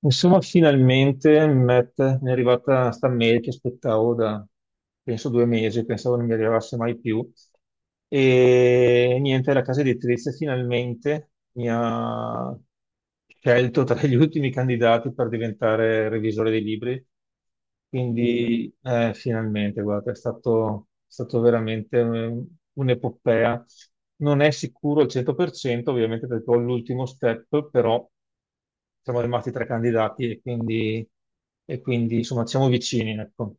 Insomma, finalmente Matt, mi è arrivata sta mail che aspettavo da, penso, 2 mesi, pensavo non mi arrivasse mai più. E niente, la casa editrice finalmente mi ha scelto tra gli ultimi candidati per diventare revisore dei libri. Quindi, finalmente, guarda, è stato veramente un'epopea. Non è sicuro al 100%, ovviamente, perché ho l'ultimo step, però siamo rimasti tre candidati e quindi, insomma siamo vicini, ecco.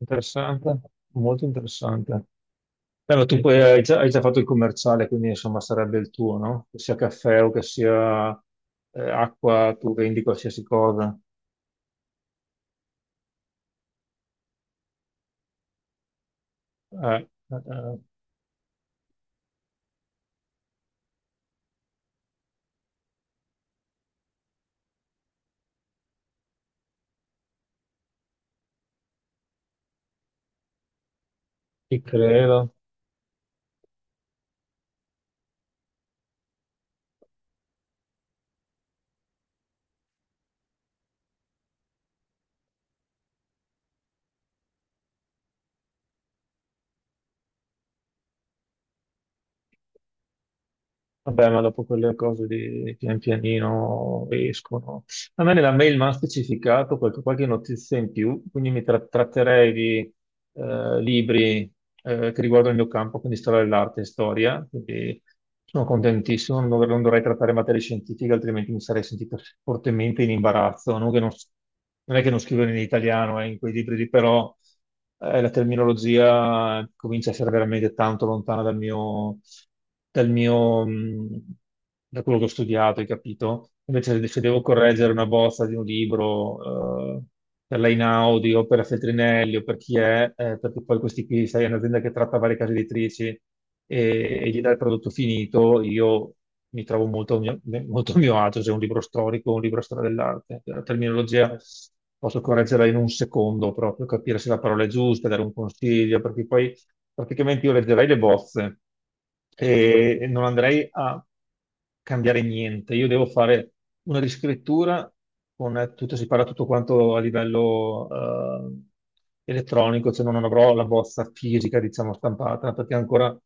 Interessante, molto interessante. Beh, ma tu poi hai già fatto il commerciale, quindi insomma sarebbe il tuo, no? Che sia caffè o che sia acqua, tu vendi qualsiasi cosa. Eh, eh, eh, ti credo. Vabbè, ma dopo quelle cose di pian pianino escono. A me nella mail mi hanno specificato qualche notizia in più, quindi mi tratterei di libri che riguardano il mio campo, quindi storia dell'arte e storia, quindi sono contentissimo, non dovrei trattare materie scientifiche, altrimenti mi sarei sentito fortemente in imbarazzo, non è che non scrivo in italiano in quei libri, lì, però la terminologia comincia a essere veramente tanto lontana dal mio, dal mio, mh, da quello che ho studiato, hai capito? Invece se devo correggere una bozza di un libro per l'Einaudi o per la Feltrinelli o per chi è, perché poi questi qui, sai, è un'azienda che tratta varie case editrici e gli dà il prodotto finito. Io mi trovo molto a mio agio se è un libro storico o un libro di storia dell'arte. La terminologia posso correggerla in un secondo proprio, capire se la parola è giusta, dare un consiglio, perché poi praticamente io leggerei le bozze e non andrei a cambiare niente. Io devo fare una riscrittura con tutto, si parla tutto quanto a livello eh, elettronico, cioè non avrò la bozza fisica, diciamo, stampata, perché ancora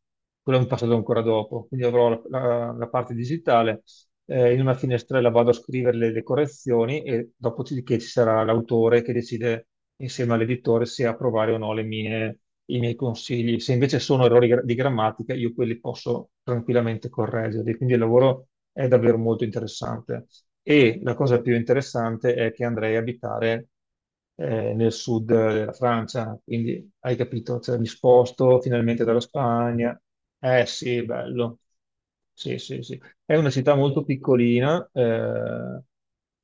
quello è un passaggio ancora dopo. Quindi avrò la parte digitale in una finestrella vado a scrivere le correzioni e dopodiché ci sarà l'autore che decide insieme all'editore se approvare o no i miei consigli. Se invece sono errori di grammatica, io quelli posso tranquillamente correggerli. Quindi il lavoro è davvero molto interessante. E la cosa più interessante è che andrei a abitare nel sud della Francia, quindi hai capito, cioè, mi sposto finalmente dalla Spagna. Eh sì, bello. Sì, sì, sì. È una città molto piccolina,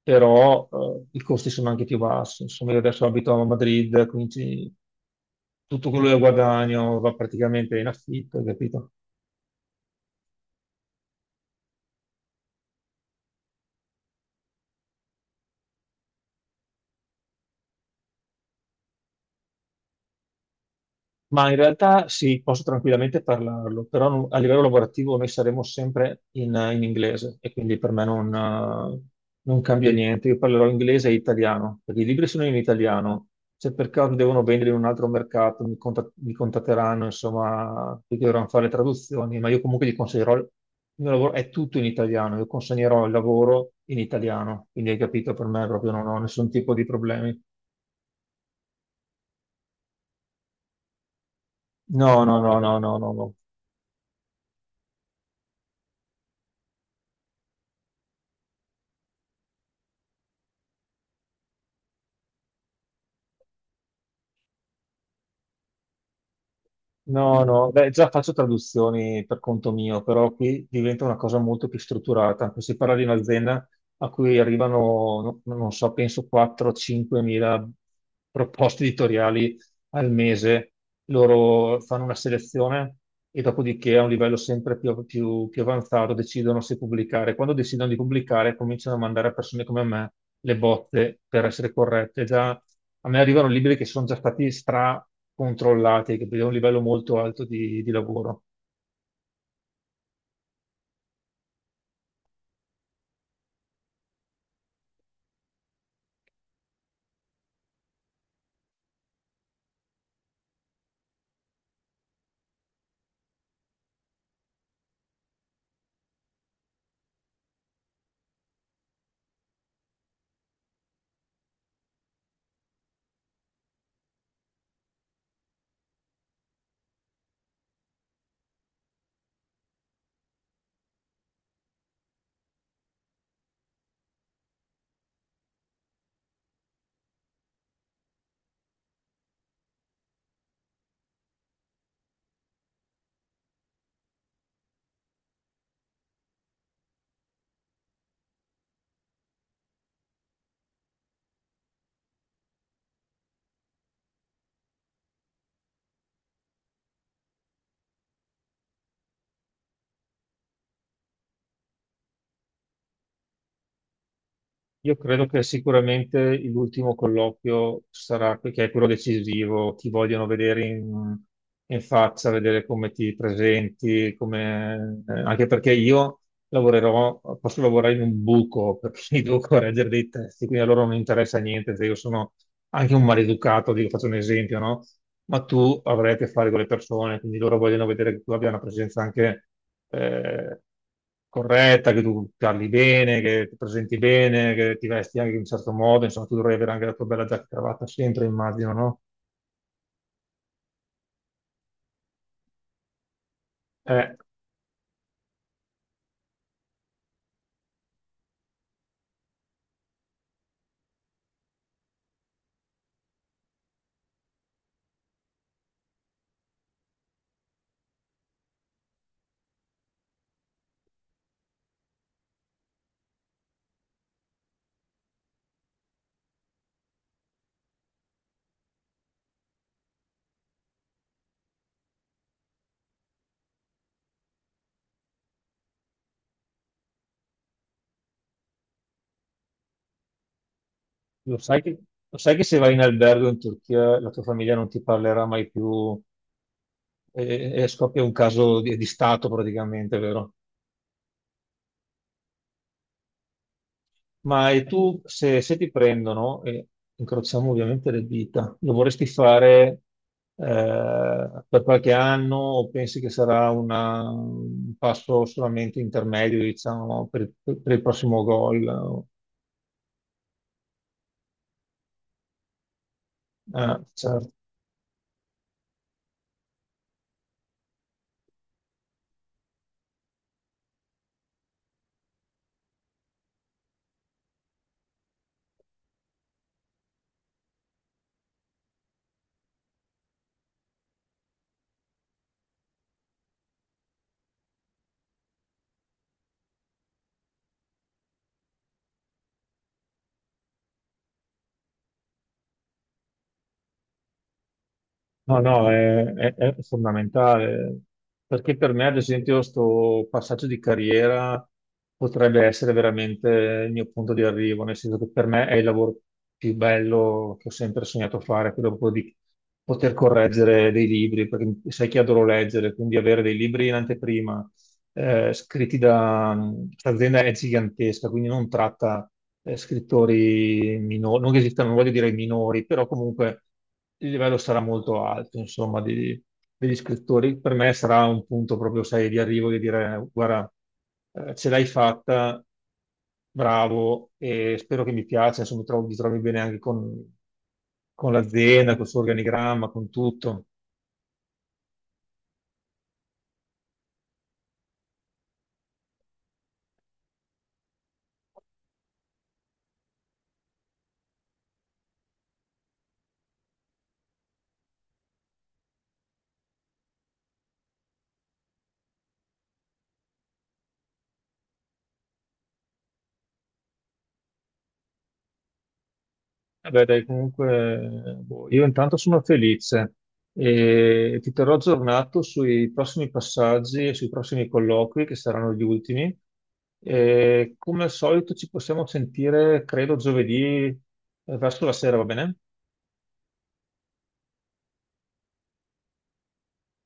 però i costi sono anche più bassi. Insomma, io adesso abito a Madrid, quindi tutto quello che guadagno va praticamente in affitto, capito? Ma in realtà sì, posso tranquillamente parlarlo, però a livello lavorativo noi saremo sempre in inglese e quindi per me non cambia niente. Io parlerò inglese e italiano, perché i libri sono in italiano. Se per caso devono vendere in un altro mercato, mi contatteranno, insomma, perché dovranno fare le traduzioni, ma io comunque gli consiglierò. Il mio lavoro è tutto in italiano, io consegnerò il lavoro in italiano, quindi hai capito, per me proprio non ho nessun tipo di problemi. No, no, no, no, no, no, no. No, no, beh, già faccio traduzioni per conto mio, però qui diventa una cosa molto più strutturata. Qui si parla di un'azienda a cui arrivano, no, non so, penso 4-5 mila proposte editoriali al mese. Loro fanno una selezione e dopodiché a un livello sempre più avanzato decidono se pubblicare. Quando decidono di pubblicare cominciano a mandare a persone come me le botte per essere corrette. Già, a me arrivano libri che sono già stati stra-controllati, che vedono un livello molto alto di lavoro. Io credo che sicuramente l'ultimo colloquio sarà, che è quello decisivo, ti vogliono vedere in faccia, vedere come ti presenti, anche perché io lavorerò, posso lavorare in un buco perché devo correggere dei testi, quindi a loro non interessa niente, cioè io sono anche un maleducato, dico, faccio un esempio, no? Ma tu avrai a che fare con le persone, quindi loro vogliono vedere che tu abbia una presenza anche eh, corretta, che tu parli bene, che ti presenti bene, che ti vesti anche in un certo modo, insomma, tu dovrai avere anche la tua bella giacca e cravatta sempre, immagino, no? Eh, lo sai che, lo sai che se vai in albergo in Turchia la tua famiglia non ti parlerà mai più e scoppia un caso di stato praticamente, vero? Ma e tu, se ti prendono, e incrociamo ovviamente le dita, lo vorresti fare per qualche anno o pensi che sarà un passo solamente intermedio, diciamo, per il prossimo gol? Certo. No, no, è fondamentale, perché per me, ad esempio, sto passaggio di carriera potrebbe essere veramente il mio punto di arrivo, nel senso che per me è il lavoro più bello che ho sempre sognato fare, quello proprio di poter correggere dei libri, perché sai che adoro leggere, quindi avere dei libri in anteprima, scritti da. Questa azienda è gigantesca, quindi non tratta scrittori minori, non che esistano, non voglio dire minori, però comunque il livello sarà molto alto, insomma, degli scrittori. Per me sarà un punto proprio, sai, di arrivo di dire, guarda, ce l'hai fatta, bravo, e spero che mi piaccia, insomma, mi trovi bene anche con l'azienda, col suo organigramma, con tutto. Vabbè, dai, comunque, boh, io intanto sono felice e ti terrò aggiornato sui prossimi passaggi e sui prossimi colloqui che saranno gli ultimi. E come al solito ci possiamo sentire, credo, giovedì verso la sera, va bene?